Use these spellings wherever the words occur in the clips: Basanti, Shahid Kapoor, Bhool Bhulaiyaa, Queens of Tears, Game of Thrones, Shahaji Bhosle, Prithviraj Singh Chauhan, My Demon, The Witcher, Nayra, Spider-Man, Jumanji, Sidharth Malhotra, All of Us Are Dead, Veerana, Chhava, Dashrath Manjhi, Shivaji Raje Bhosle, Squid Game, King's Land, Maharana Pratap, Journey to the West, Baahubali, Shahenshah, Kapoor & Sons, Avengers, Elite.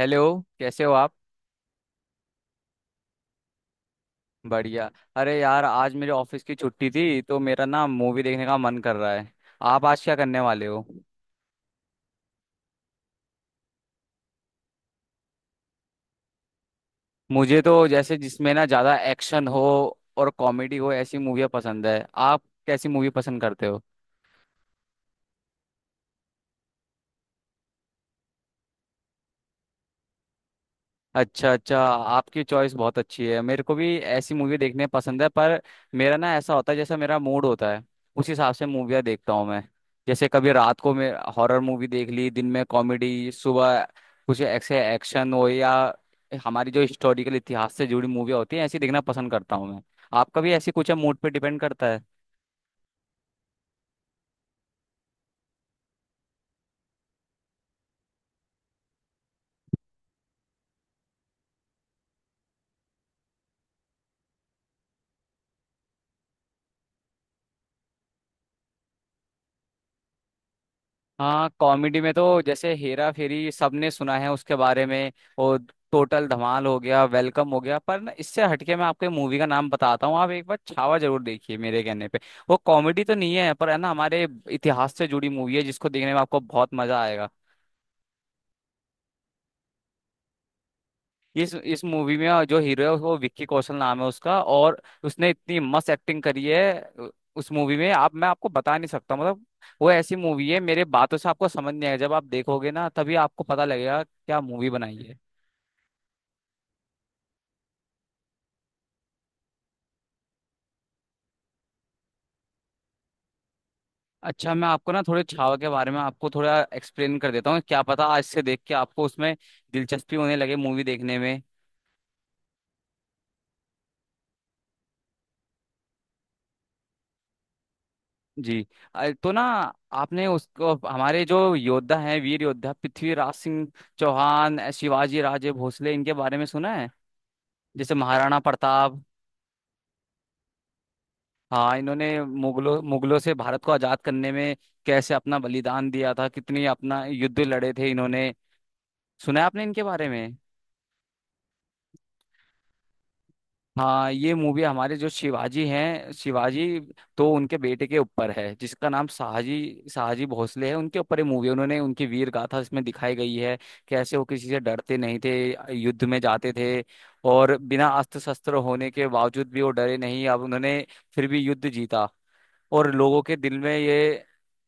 Hello. कैसे हो आप? बढ़िया। अरे यार, आज मेरे ऑफिस की छुट्टी थी तो मेरा ना मूवी देखने का मन कर रहा है। आप आज क्या करने वाले हो? मुझे तो जैसे जिसमें ना ज्यादा एक्शन हो और कॉमेडी हो ऐसी मूवियाँ पसंद है। आप कैसी मूवी पसंद करते हो? अच्छा अच्छा, आपकी चॉइस बहुत अच्छी है, मेरे को भी ऐसी मूवी देखने पसंद है। पर मेरा ना ऐसा होता है जैसा मेरा मूड होता है उस हिसाब से मूवियाँ देखता हूँ मैं। जैसे कभी रात को मैं हॉरर मूवी देख ली, दिन में कॉमेडी, सुबह कुछ ऐसे एक्शन हो, या हमारी जो हिस्टोरिकल इतिहास से जुड़ी मूवियाँ होती हैं ऐसी देखना पसंद करता हूँ मैं। आपका भी ऐसी कुछ है? मूड पे डिपेंड करता है। हाँ, कॉमेडी में तो जैसे हेरा फेरी सबने सुना है उसके बारे में, और टोटल धमाल हो गया, वेलकम हो गया। पर ना इससे हटके मैं आपको मूवी का नाम बताता हूँ, आप एक बार छावा जरूर देखिए, मेरे कहने पे। वो कॉमेडी तो नहीं है पर है ना हमारे इतिहास से जुड़ी मूवी है, जिसको देखने में आपको बहुत मजा आएगा। इस मूवी में जो हीरो है वो विक्की कौशल नाम है उसका, और उसने इतनी मस्त एक्टिंग करी है उस मूवी में। आप मैं आपको बता नहीं सकता, मतलब वो ऐसी मूवी है मेरे बातों से आपको समझ नहीं आएगा, जब आप देखोगे ना तभी आपको पता लगेगा क्या मूवी बनाई है। अच्छा, मैं आपको ना थोड़े छावा के बारे में आपको थोड़ा एक्सप्लेन कर देता हूँ, क्या पता आज से देख के आपको उसमें दिलचस्पी होने लगे मूवी देखने में। जी। तो ना आपने उसको हमारे जो योद्धा हैं, वीर योद्धा पृथ्वीराज सिंह चौहान, शिवाजी राजे भोसले, इनके बारे में सुना है? जैसे महाराणा प्रताप। हाँ, इन्होंने मुगलों मुगलों से भारत को आजाद करने में कैसे अपना बलिदान दिया था, कितनी अपना युद्ध लड़े थे इन्होंने। सुना है आपने इनके बारे में? हाँ, ये मूवी हमारे जो शिवाजी हैं, शिवाजी तो उनके बेटे के ऊपर है, जिसका नाम शाहजी शाहजी भोसले है, उनके ऊपर ये मूवी है। उन्होंने उनकी वीर गाथा इसमें दिखाई गई है, कैसे वो किसी से डरते नहीं थे, युद्ध में जाते थे, और बिना अस्त्र शस्त्र होने के बावजूद भी वो डरे नहीं। अब उन्होंने फिर भी युद्ध जीता, और लोगों के दिल में ये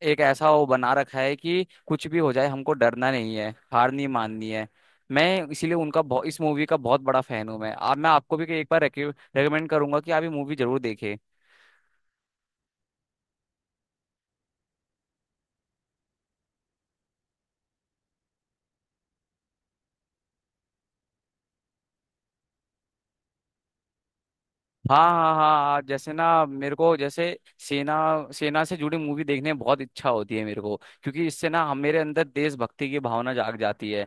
एक ऐसा वो बना रखा है कि कुछ भी हो जाए हमको डरना नहीं है, हार नहीं माननी है। मैं इसीलिए उनका इस मूवी का बहुत बड़ा फैन हूं। मैं आपको भी एक बार रेकमेंड करूंगा कि आप ये मूवी जरूर देखें। हाँ, हाँ, हाँ, हाँ, जैसे ना मेरे को, जैसे सेना सेना से जुड़ी मूवी देखने में बहुत इच्छा होती है मेरे को, क्योंकि इससे ना हम मेरे अंदर देशभक्ति की भावना जाग जाती है।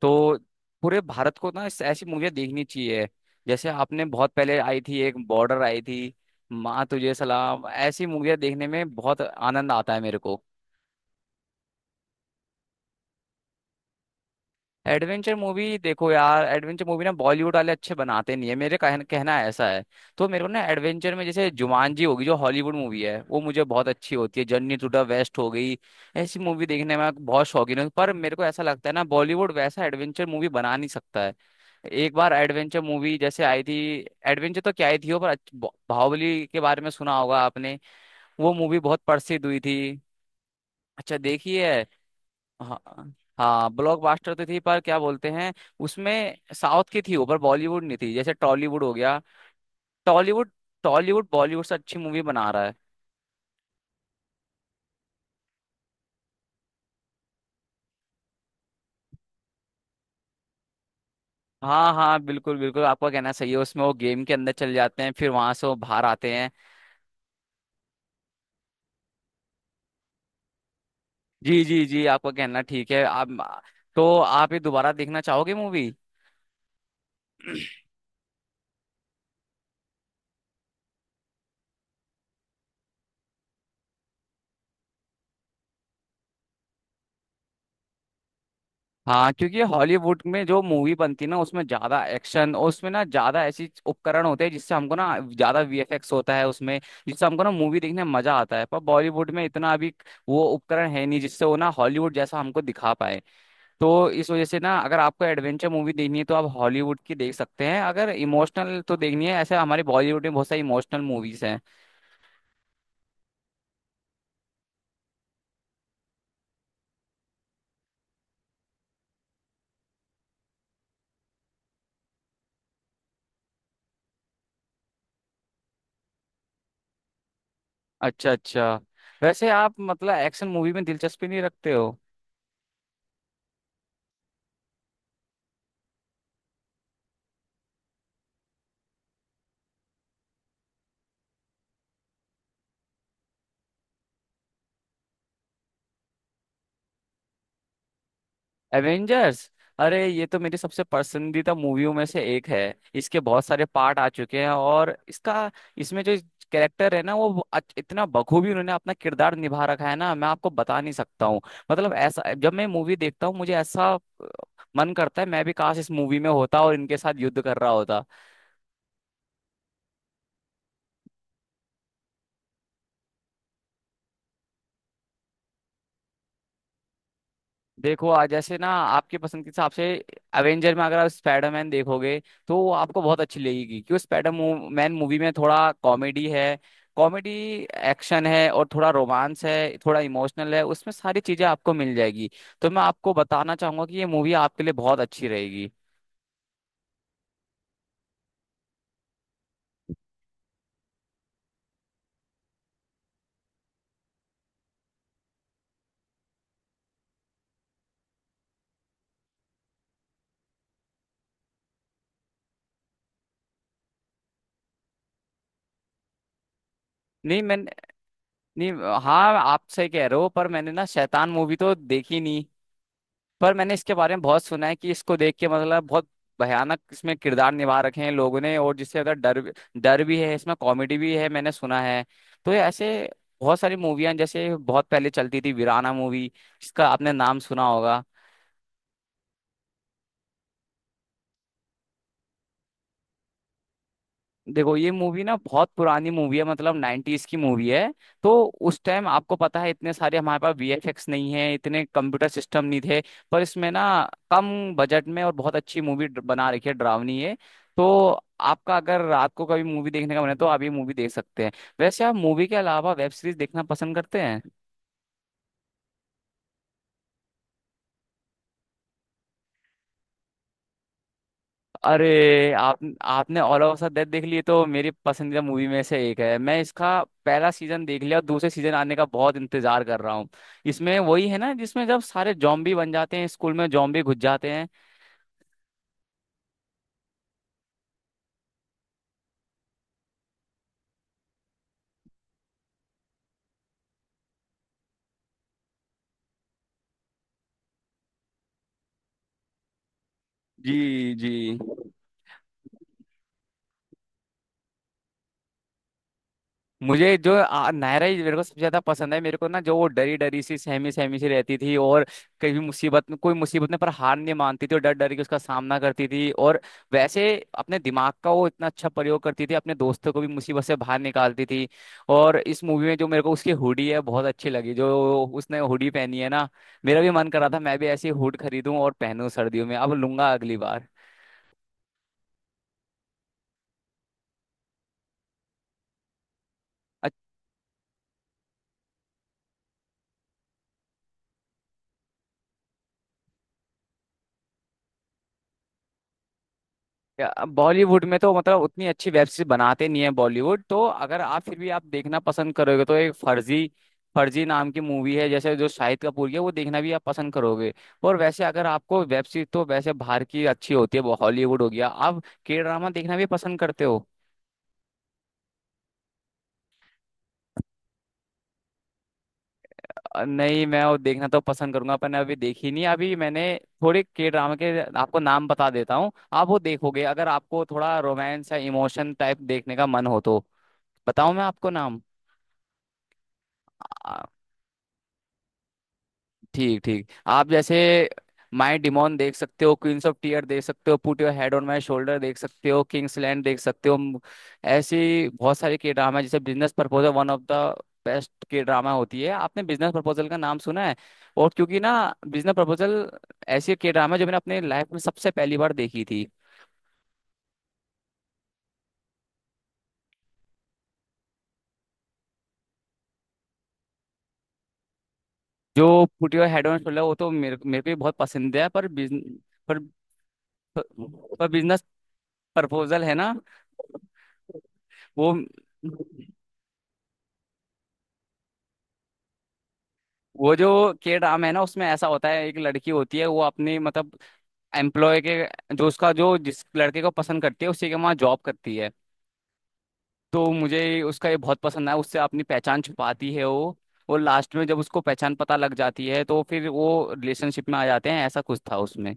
तो पूरे भारत को ना इस ऐसी मूवियाँ देखनी चाहिए, जैसे आपने बहुत पहले आई थी एक बॉर्डर आई थी, माँ तुझे सलाम, ऐसी मूवियाँ देखने में बहुत आनंद आता है मेरे को। Adventure movie? देखो यार, एडवेंचर मूवी ना बॉलीवुड वाले अच्छे बनाते नहीं है, मेरे कहना ऐसा है। तो मेरे को ना एडवेंचर में जैसे जुमानजी होगी, जो हॉलीवुड मूवी है, वो मुझे बहुत अच्छी होती है। जर्नी टू द वेस्ट हो गई, ऐसी मूवी देखने में मैं बहुत शौकीन हूँ। पर मेरे को ऐसा लगता है ना बॉलीवुड वैसा एडवेंचर मूवी बना नहीं सकता है। एक बार एडवेंचर मूवी जैसे आई थी, एडवेंचर तो क्या आई थी वो, पर बाहुबली के बारे में सुना होगा आपने। वो मूवी बहुत प्रसिद्ध हुई थी। अच्छा, देखी है। हाँ, हाँ, ब्लॉकबस्टर तो थी, पर क्या बोलते हैं उसमें साउथ की थी, ऊपर बॉलीवुड नहीं थी, जैसे टॉलीवुड हो गया। टॉलीवुड। टॉलीवुड बॉलीवुड से अच्छी मूवी बना रहा है। हाँ हाँ, बिल्कुल बिल्कुल, आपका कहना सही है, उसमें वो गेम के अंदर चले जाते हैं, फिर वहां से वो बाहर आते हैं। जी जी जी, आपका कहना ठीक है आप। तो आप ये दोबारा देखना चाहोगे मूवी? हाँ, क्योंकि हॉलीवुड में जो मूवी बनती है ना उसमें ज्यादा एक्शन, और उसमें ना ज्यादा ऐसी उपकरण होते हैं जिससे हमको ना ज्यादा वीएफएक्स होता है उसमें, जिससे हमको ना मूवी देखने में मजा आता है। पर बॉलीवुड में इतना अभी वो उपकरण है नहीं जिससे वो ना हॉलीवुड जैसा हमको दिखा पाए। तो इस वजह से ना अगर आपको एडवेंचर मूवी देखनी है तो आप हॉलीवुड की देख सकते हैं, अगर इमोशनल तो देखनी है ऐसे हमारे बॉलीवुड में बहुत सारी इमोशनल मूवीज हैं। अच्छा अच्छा, वैसे आप मतलब एक्शन मूवी में दिलचस्पी नहीं रखते हो? एवेंजर्स? अरे, ये तो मेरी सबसे पसंदीदा मूवियों में से एक है। इसके बहुत सारे पार्ट आ चुके हैं, और इसका इसमें जो कैरेक्टर है ना, वो इतना बखूबी उन्होंने अपना किरदार निभा रखा है ना, मैं आपको बता नहीं सकता हूँ। मतलब ऐसा जब मैं मूवी देखता हूँ मुझे ऐसा अ, मन करता है मैं भी काश इस मूवी में होता और इनके साथ युद्ध कर रहा होता। देखो, आज जैसे ना आपके पसंद के हिसाब से एवेंजर में अगर आप स्पाइडरमैन देखोगे तो वो आपको बहुत अच्छी लगेगी, क्योंकि स्पाइडर मैन मूवी में थोड़ा कॉमेडी है, कॉमेडी, एक्शन है, और थोड़ा रोमांस है, थोड़ा इमोशनल है, उसमें सारी चीजें आपको मिल जाएगी। तो मैं आपको बताना चाहूंगा कि ये मूवी आपके लिए बहुत अच्छी रहेगी। नहीं, मैंने नहीं। हाँ, आप सही कह रहे हो, पर मैंने ना शैतान मूवी तो देखी नहीं, पर मैंने इसके बारे में बहुत सुना है कि इसको देख के, मतलब बहुत भयानक इसमें किरदार निभा रखे हैं लोगों ने, और जिससे अगर डर भी है इसमें, कॉमेडी भी है, मैंने सुना है। तो ये ऐसे बहुत सारी मूवियां, जैसे बहुत पहले चलती थी वीराना मूवी, जिसका आपने नाम सुना होगा। देखो, ये मूवी ना बहुत पुरानी मूवी है, मतलब 90s की मूवी है। तो उस टाइम आपको पता है, इतने सारे हमारे पास वीएफएक्स नहीं है, इतने कंप्यूटर सिस्टम नहीं थे। पर इसमें ना कम बजट में और बहुत अच्छी मूवी बना रखी है, डरावनी है। तो आपका अगर रात को कभी मूवी देखने का मन है तो आप ये मूवी देख सकते हैं। वैसे आप मूवी के अलावा वेब सीरीज देखना पसंद करते हैं? अरे, आप आपने ऑल ऑफ अस डेथ देख ली, तो मेरी पसंदीदा मूवी में से एक है। मैं इसका पहला सीजन देख लिया और दूसरे सीजन आने का बहुत इंतजार कर रहा हूँ। इसमें वही है ना जिसमें जब सारे जॉम्बी बन जाते हैं, स्कूल में जॉम्बी घुस जाते हैं। जी जी। मुझे जो नायरा ही मेरे को सबसे ज्यादा पसंद है। मेरे को ना जो वो डरी डरी सी सहमी सहमी सी रहती थी, और कभी मुसीबत में, कोई मुसीबत में, पर हार नहीं मानती थी और डर डर के उसका सामना करती थी, और वैसे अपने दिमाग का वो इतना अच्छा प्रयोग करती थी, अपने दोस्तों को भी मुसीबत से बाहर निकालती थी। और इस मूवी में जो मेरे को उसकी हुडी है बहुत अच्छी लगी, जो उसने हुडी पहनी है ना, मेरा भी मन करा था मैं भी ऐसी हुड खरीदूं और पहनूं सर्दियों में, अब लूंगा अगली बार। बॉलीवुड में तो मतलब उतनी अच्छी वेब सीरीज बनाते नहीं है बॉलीवुड तो। अगर आप फिर भी आप देखना पसंद करोगे तो एक फर्जी फर्जी नाम की मूवी है, जैसे जो शाहिद कपूर की है, वो देखना भी आप पसंद करोगे। और वैसे अगर आपको वेब सीरीज, तो वैसे बाहर की अच्छी होती है, वो हॉलीवुड हो गया। आप के ड्रामा देखना भी पसंद करते हो? नहीं, मैं वो देखना तो पसंद करूंगा पर अभी देखी नहीं, अभी मैंने। थोड़े के ड्रामा के आपको नाम बता देता हूँ, आप वो देखोगे अगर आपको थोड़ा रोमांस या इमोशन टाइप देखने का मन हो तो। बताऊं मैं आपको नाम? ठीक ठीक, आप जैसे माई डिमोन देख सकते हो, क्वींस ऑफ टीयर देख सकते हो, put your head on my shoulder देख सकते हो, किंग्स लैंड देख सकते हो, ऐसी बहुत सारे के ड्रामा है, जैसे business proposal one of the best K drama होती है। आपने बिजनेस प्रपोजल का नाम सुना है? और क्योंकि ना बिजनेस प्रपोजल ऐसी के ड्रामा जो मैंने अपने लाइफ में सबसे पहली बार देखी थी। जो put your head on shoulder वो तो मेरे मेरे को भी बहुत पसंद है, पर पर, पर, पर बिजनेस प्रपोजल है ना। वो, जो के ड्राम है ना, उसमें ऐसा होता है एक लड़की होती है, वो अपने मतलब एम्प्लॉय के जो उसका जो जिस लड़के को पसंद करती है उसी के वहाँ जॉब करती है। तो मुझे उसका ये बहुत पसंद आया, उससे अपनी पहचान छुपाती है वो। और लास्ट में जब उसको पहचान पता लग जाती है तो फिर वो रिलेशनशिप में आ जाते हैं, ऐसा कुछ था उसमें।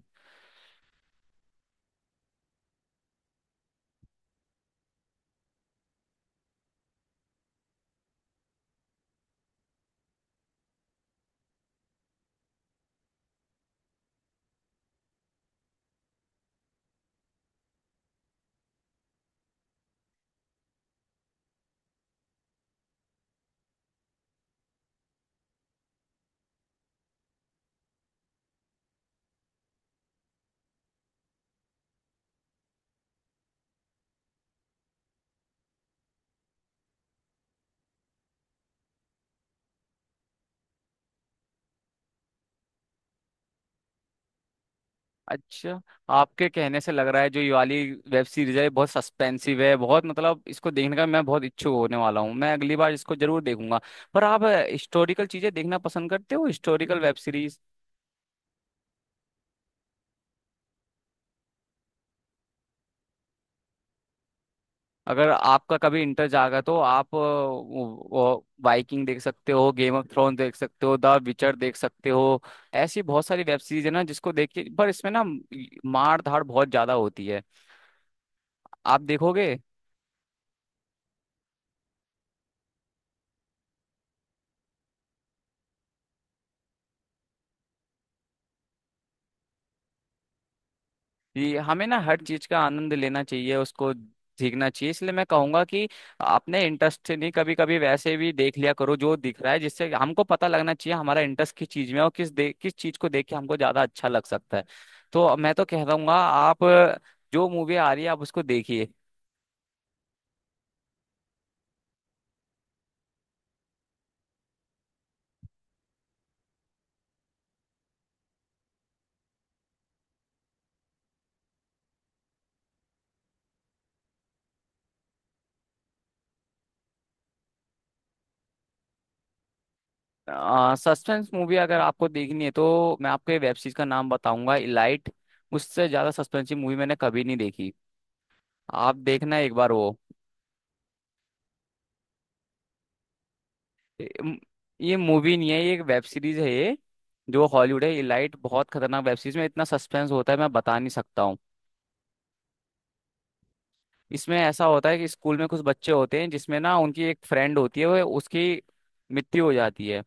अच्छा, आपके कहने से लग रहा है जो ये वाली वेब सीरीज है ये बहुत सस्पेंसिव है, बहुत, मतलब इसको देखने का मैं बहुत इच्छुक होने वाला हूँ, मैं अगली बार इसको जरूर देखूंगा। पर आप हिस्टोरिकल चीजें देखना पसंद करते हो? Historical web series? अगर आपका कभी इंटर जागा तो आप वाइकिंग देख सकते हो, गेम ऑफ थ्रोन देख सकते हो, द विचर देख सकते हो। ऐसी बहुत सारी वेब सीरीज है ना जिसको देख के, पर इसमें ना मार धाड़ बहुत ज्यादा होती है, आप देखोगे। जी, हमें ना हर चीज का आनंद लेना चाहिए, उसको सीखना चाहिए। इसलिए मैं कहूंगा कि अपने इंटरेस्ट से नहीं कभी कभी वैसे भी देख लिया करो जो दिख रहा है, जिससे हमको पता लगना चाहिए हमारा इंटरेस्ट किस चीज में है, और किस किस चीज को देख के हमको ज्यादा अच्छा लग सकता है। तो मैं तो कह दूंगा आप जो मूवी आ रही है आप उसको देखिए। सस्पेंस मूवी अगर आपको देखनी है तो मैं आपको वेब सीरीज का नाम बताऊंगा, इलाइट। उससे ज्यादा सस्पेंस की मूवी मैंने कभी नहीं देखी। आप देखना एक बार वो। ये मूवी नहीं है, ये एक वेब सीरीज है ये। जो हॉलीवुड है इलाइट, बहुत खतरनाक वेब सीरीज, में इतना सस्पेंस होता है मैं बता नहीं सकता हूँ। इसमें ऐसा होता है कि स्कूल में कुछ बच्चे होते हैं, जिसमें ना उनकी एक फ्रेंड होती है, वो उसकी मृत्यु हो जाती है।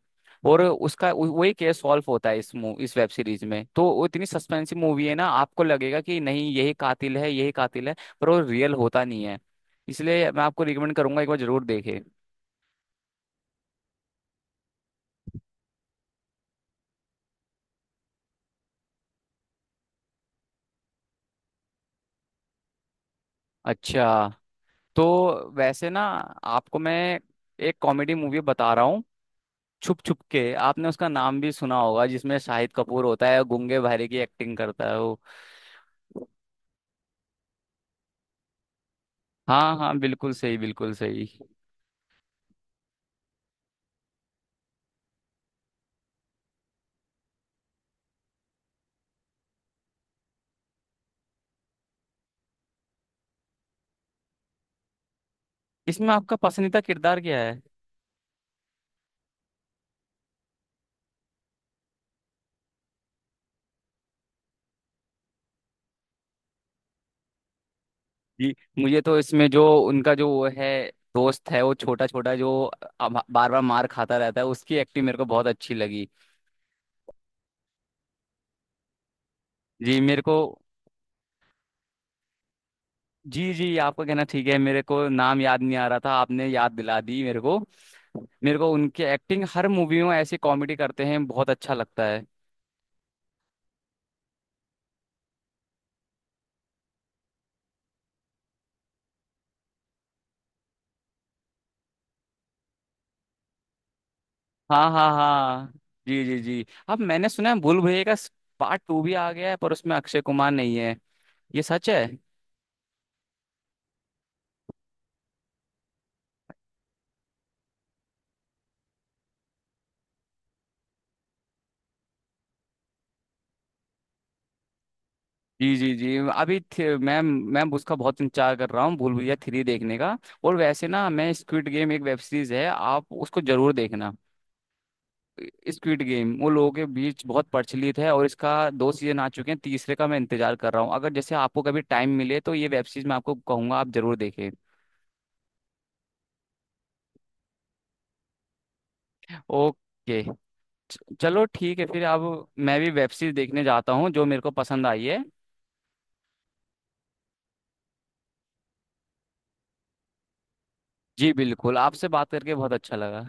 और वही केस सॉल्व होता है इस वेब सीरीज में। तो वो इतनी सस्पेंसिव मूवी है ना, आपको लगेगा कि नहीं यही कातिल है, यही कातिल है, पर वो रियल होता नहीं है। इसलिए मैं आपको रिकमेंड करूंगा एक बार जरूर देखें। अच्छा, तो वैसे ना आपको मैं एक कॉमेडी मूवी बता रहा हूँ, छुप छुप के, आपने उसका नाम भी सुना होगा, जिसमें शाहिद कपूर होता है गूंगे बहरे की एक्टिंग करता है वो। हाँ हाँ, बिल्कुल सही, बिल्कुल सही। इसमें आपका पसंदीदा किरदार क्या है? जी, मुझे तो इसमें जो उनका, जो वो है दोस्त है वो, छोटा छोटा जो बार बार मार खाता रहता है, उसकी एक्टिंग मेरे को बहुत अच्छी लगी। जी, मेरे को। जी जी, आपका कहना ठीक है, मेरे को नाम याद नहीं आ रहा था, आपने याद दिला दी मेरे को। मेरे को उनकी एक्टिंग हर मूवी में ऐसी कॉमेडी करते हैं बहुत अच्छा लगता है। हाँ हाँ हाँ। जी जी जी, अब मैंने सुना है भूल भुलैया का पार्ट 2 भी आ गया है, पर उसमें अक्षय कुमार नहीं है, ये सच है। जी जी जी, अभी थे- मैं उसका बहुत इंतजार कर रहा हूँ, भूल भुलैया 3 देखने का। और वैसे ना, मैं स्क्विड गेम, एक वेब सीरीज है, आप उसको जरूर देखना। स्क्विड गेम वो लोगों के बीच बहुत प्रचलित है, और इसका 2 सीजन आ चुके हैं, तीसरे का मैं इंतजार कर रहा हूँ। अगर जैसे आपको कभी टाइम मिले तो ये वेब सीरीज मैं आपको कहूंगा आप जरूर देखें। ओके। चलो ठीक है फिर, अब मैं भी वेब सीरीज देखने जाता हूँ जो मेरे को पसंद आई है। जी बिल्कुल, आपसे बात करके बहुत अच्छा लगा।